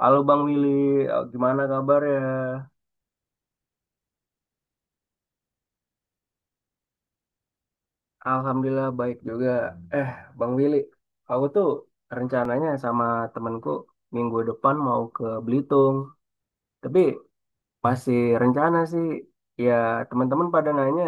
Halo Bang Willy, gimana kabarnya? Alhamdulillah baik juga. Eh, Bang Willy, aku tuh rencananya sama temenku minggu depan mau ke Belitung. Tapi masih rencana sih. Ya, teman-teman pada nanya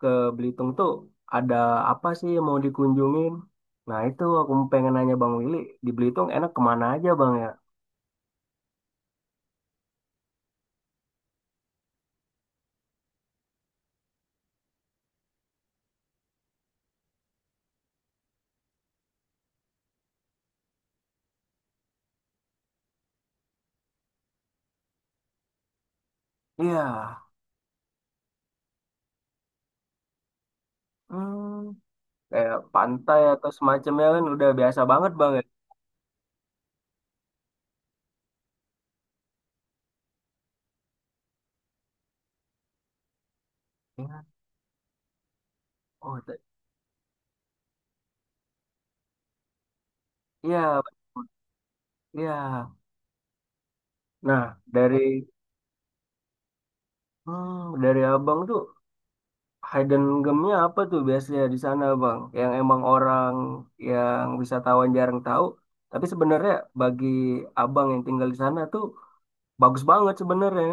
ke Belitung tuh ada apa sih yang mau dikunjungin? Nah, itu aku pengen nanya Bang Willy, di Belitung enak kemana aja Bang ya? Iya, hmm, kayak pantai atau semacamnya kan udah biasa banget Bang ya. Iya. Oh. Iya, iya. Nah, dari dari abang tuh hidden gemnya apa tuh biasanya di sana, bang? Yang emang orang yang wisatawan jarang tahu, tapi sebenarnya bagi abang yang tinggal di sana tuh bagus banget sebenarnya.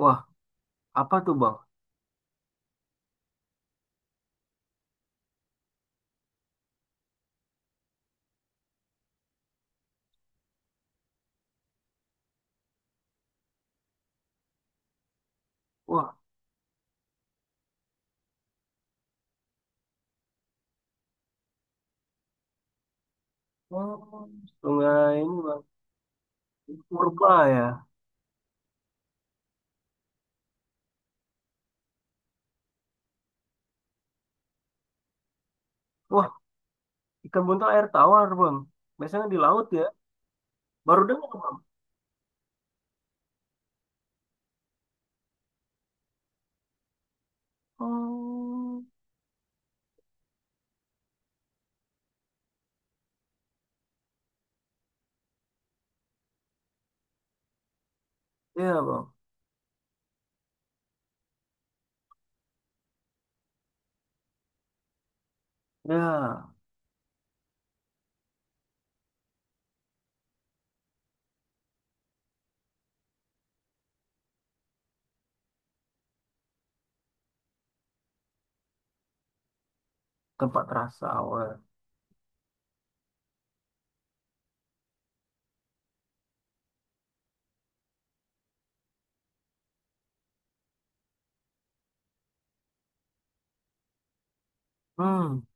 Wah, apa tuh, bang? Wah, oh, sungai ini, bang, purba ya. Wah, ikan buntal air tawar, bang. Biasanya di laut ya. Baru dengar, bang. Oh, iya, bang. Ya, tempat rasa awal. Hmm.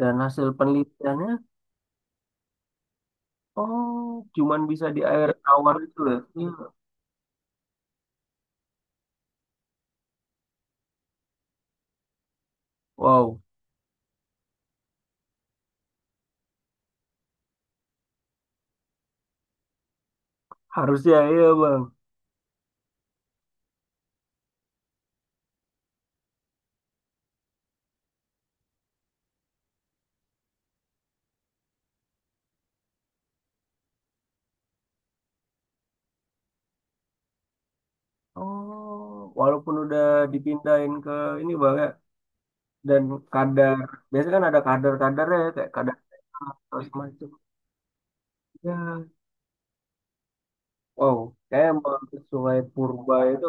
Dan hasil penelitiannya, oh, cuman bisa di air tawar itu ya? Iya. Wow, harusnya iya bang. Oh, walaupun udah dipindahin ke ini bang ya, dan kadar, biasanya kan ada kadar-kadarnya ya, kayak kadar atau semacam. Ya, wow, kayak emang Sungai Purba itu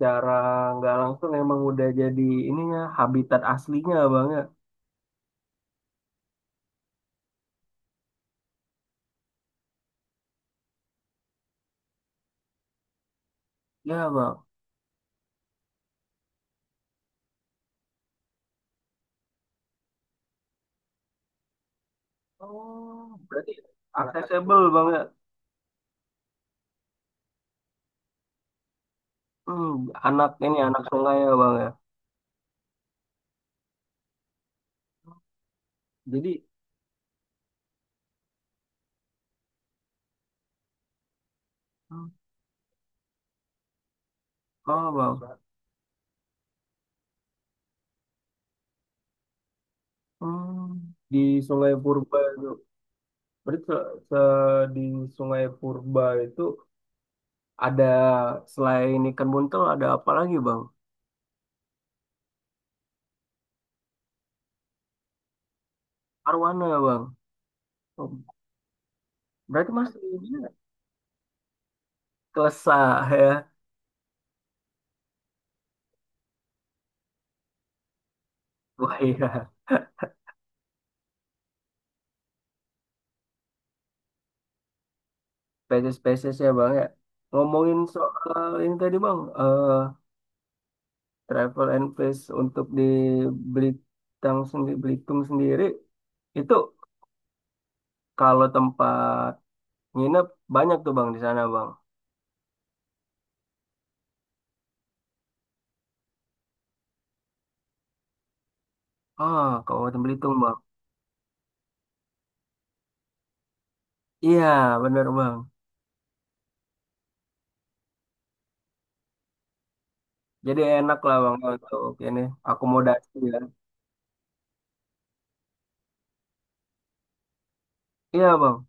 cara nggak langsung emang udah jadi ininya habitat aslinya bang ya. Ya bang. Oh, berarti accessible bang ya. Hmm, anak ini anak sungai ya bang ya. Jadi. Hmm. Oh, wow. Di Sungai Purba itu berarti di Sungai Purba itu ada selain ikan buntel ada apa lagi bang? Arwana bang. Oh, berarti masih ini ya, kelesa ya. Wah iya, spesies-spesies ya bang ya. Ngomongin soal ini tadi bang, travel and place untuk di Belitung sendiri itu kalau tempat Nginep banyak tuh bang di sana bang. Ah, Kabupaten Belitung bang. Iya bener bang. Jadi enak lah bang untuk ini akomodasi ya. Iya bang.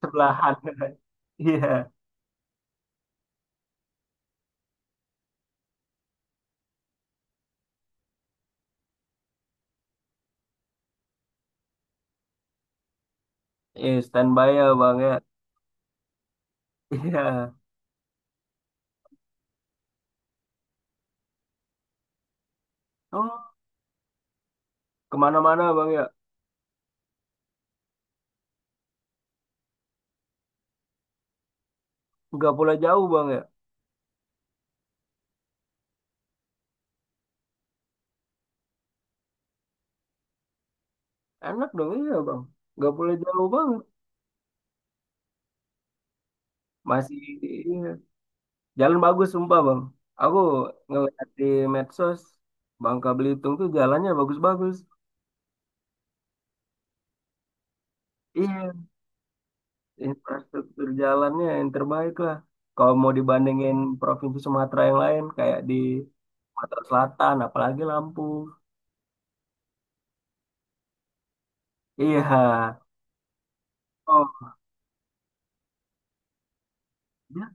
Sebelahan. Iya. Iya standby ya bang ya. Iya. Oh, kemana-mana bang ya. Nggak boleh jauh bang ya. Enak dong iya bang. Nggak boleh jauh bang. Masih iya. Jalan bagus sumpah bang. Aku ngeliat di medsos Bangka Belitung tuh jalannya bagus-bagus. Iya, infrastruktur jalannya yang terbaik lah. Kalau mau dibandingin provinsi Sumatera yang lain, kayak di Sumatera Selatan, apalagi Lampung. Iya. Oh, ya.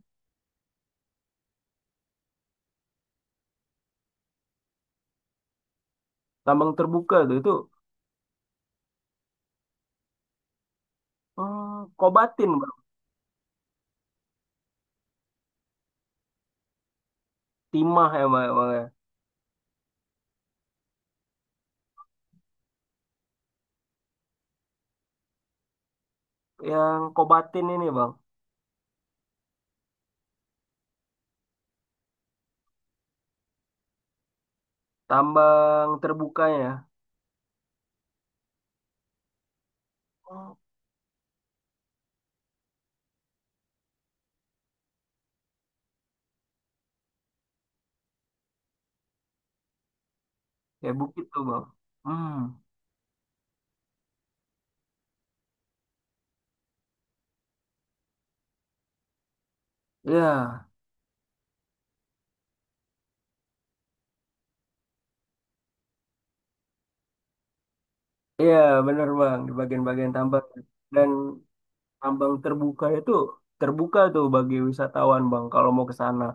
Tambang terbuka tuh itu Kobatin, Bang. Timah emang, emang ya. Yang Kobatin ini, Bang. Tambang terbukanya. Oh. Ya bukit tuh, Bang. Hmm. Iya. Iya, bener, Bang. Di bagian-bagian tambang. Dan tambang terbuka itu terbuka tuh bagi wisatawan, Bang, kalau mau ke sana.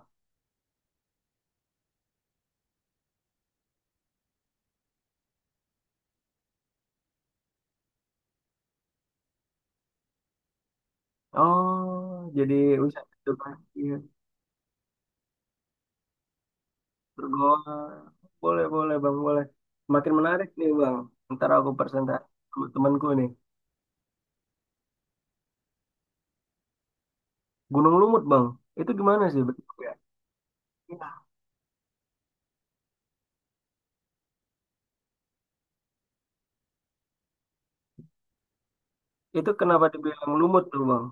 Oh, jadi wisata edukasi, pergol. Boleh, boleh, Bang, boleh. Makin menarik nih, Bang. Ntar aku presentasi sama temanku nih. Gunung Lumut, Bang. Itu gimana sih, Bang? Ya. Iya. Itu kenapa dibilang lumut tuh, Bang?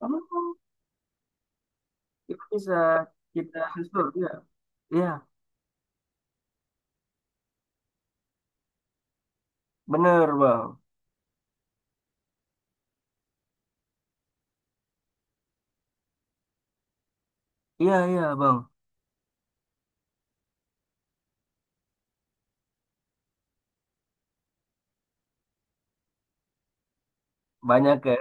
Oh, itu bisa kita susur, ya. Iya, bener, Bang. Iya, iya, Bang. Banyak ya.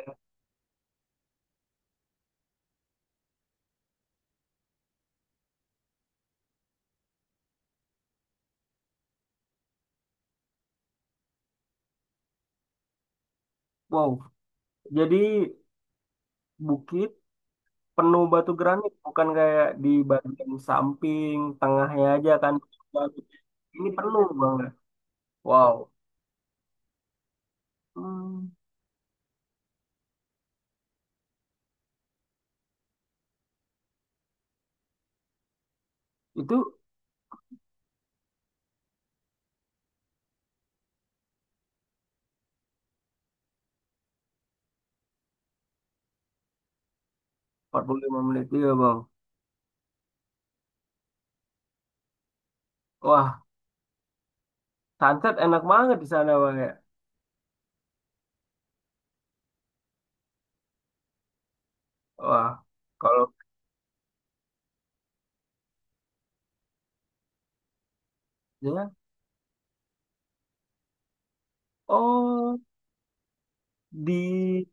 Wow. Jadi, bukit penuh batu granit bukan kayak di bagian samping tengahnya aja kan ini penuh banget. Wow. Hmm, itu 45 menit juga bang. Wah, sunset enak banget di sana bang ya. Wah, kalau ya, oh, di,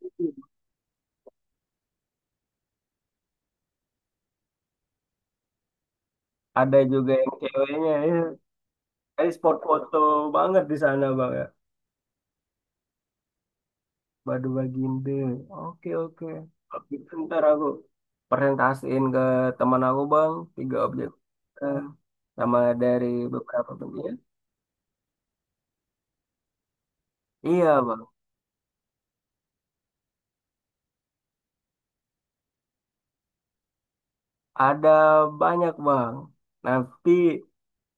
ada juga yang ceweknya ya. Jadi spot foto banget di sana bang ya. Badu bagian b. Oke, oke. Itu Ntar aku presentasiin ke teman aku, Bang. Tiga objek. eh, Sama dari beberapa bentuknya. Iya, Bang. Ada banyak, Bang. Nanti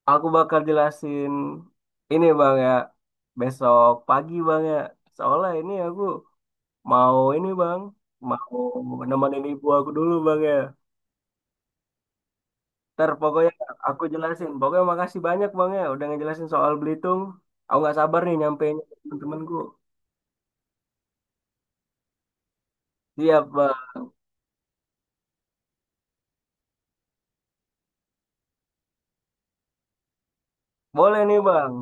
aku bakal jelasin ini, Bang, ya. Besok pagi, Bang, ya. Soalnya ini aku mau ini, Bang. Mau nemenin ibu aku dulu, Bang, ya. Ntar pokoknya aku jelasin. Pokoknya makasih banyak Bang ya udah ngejelasin soal Belitung. Aku nggak sabar nih nyampein ke temen-temenku. Siap Bang. Boleh nih Bang.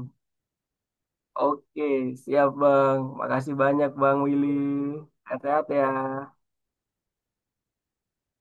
Oke, siap Bang. Makasih banyak Bang Willy. Hati-hati ya.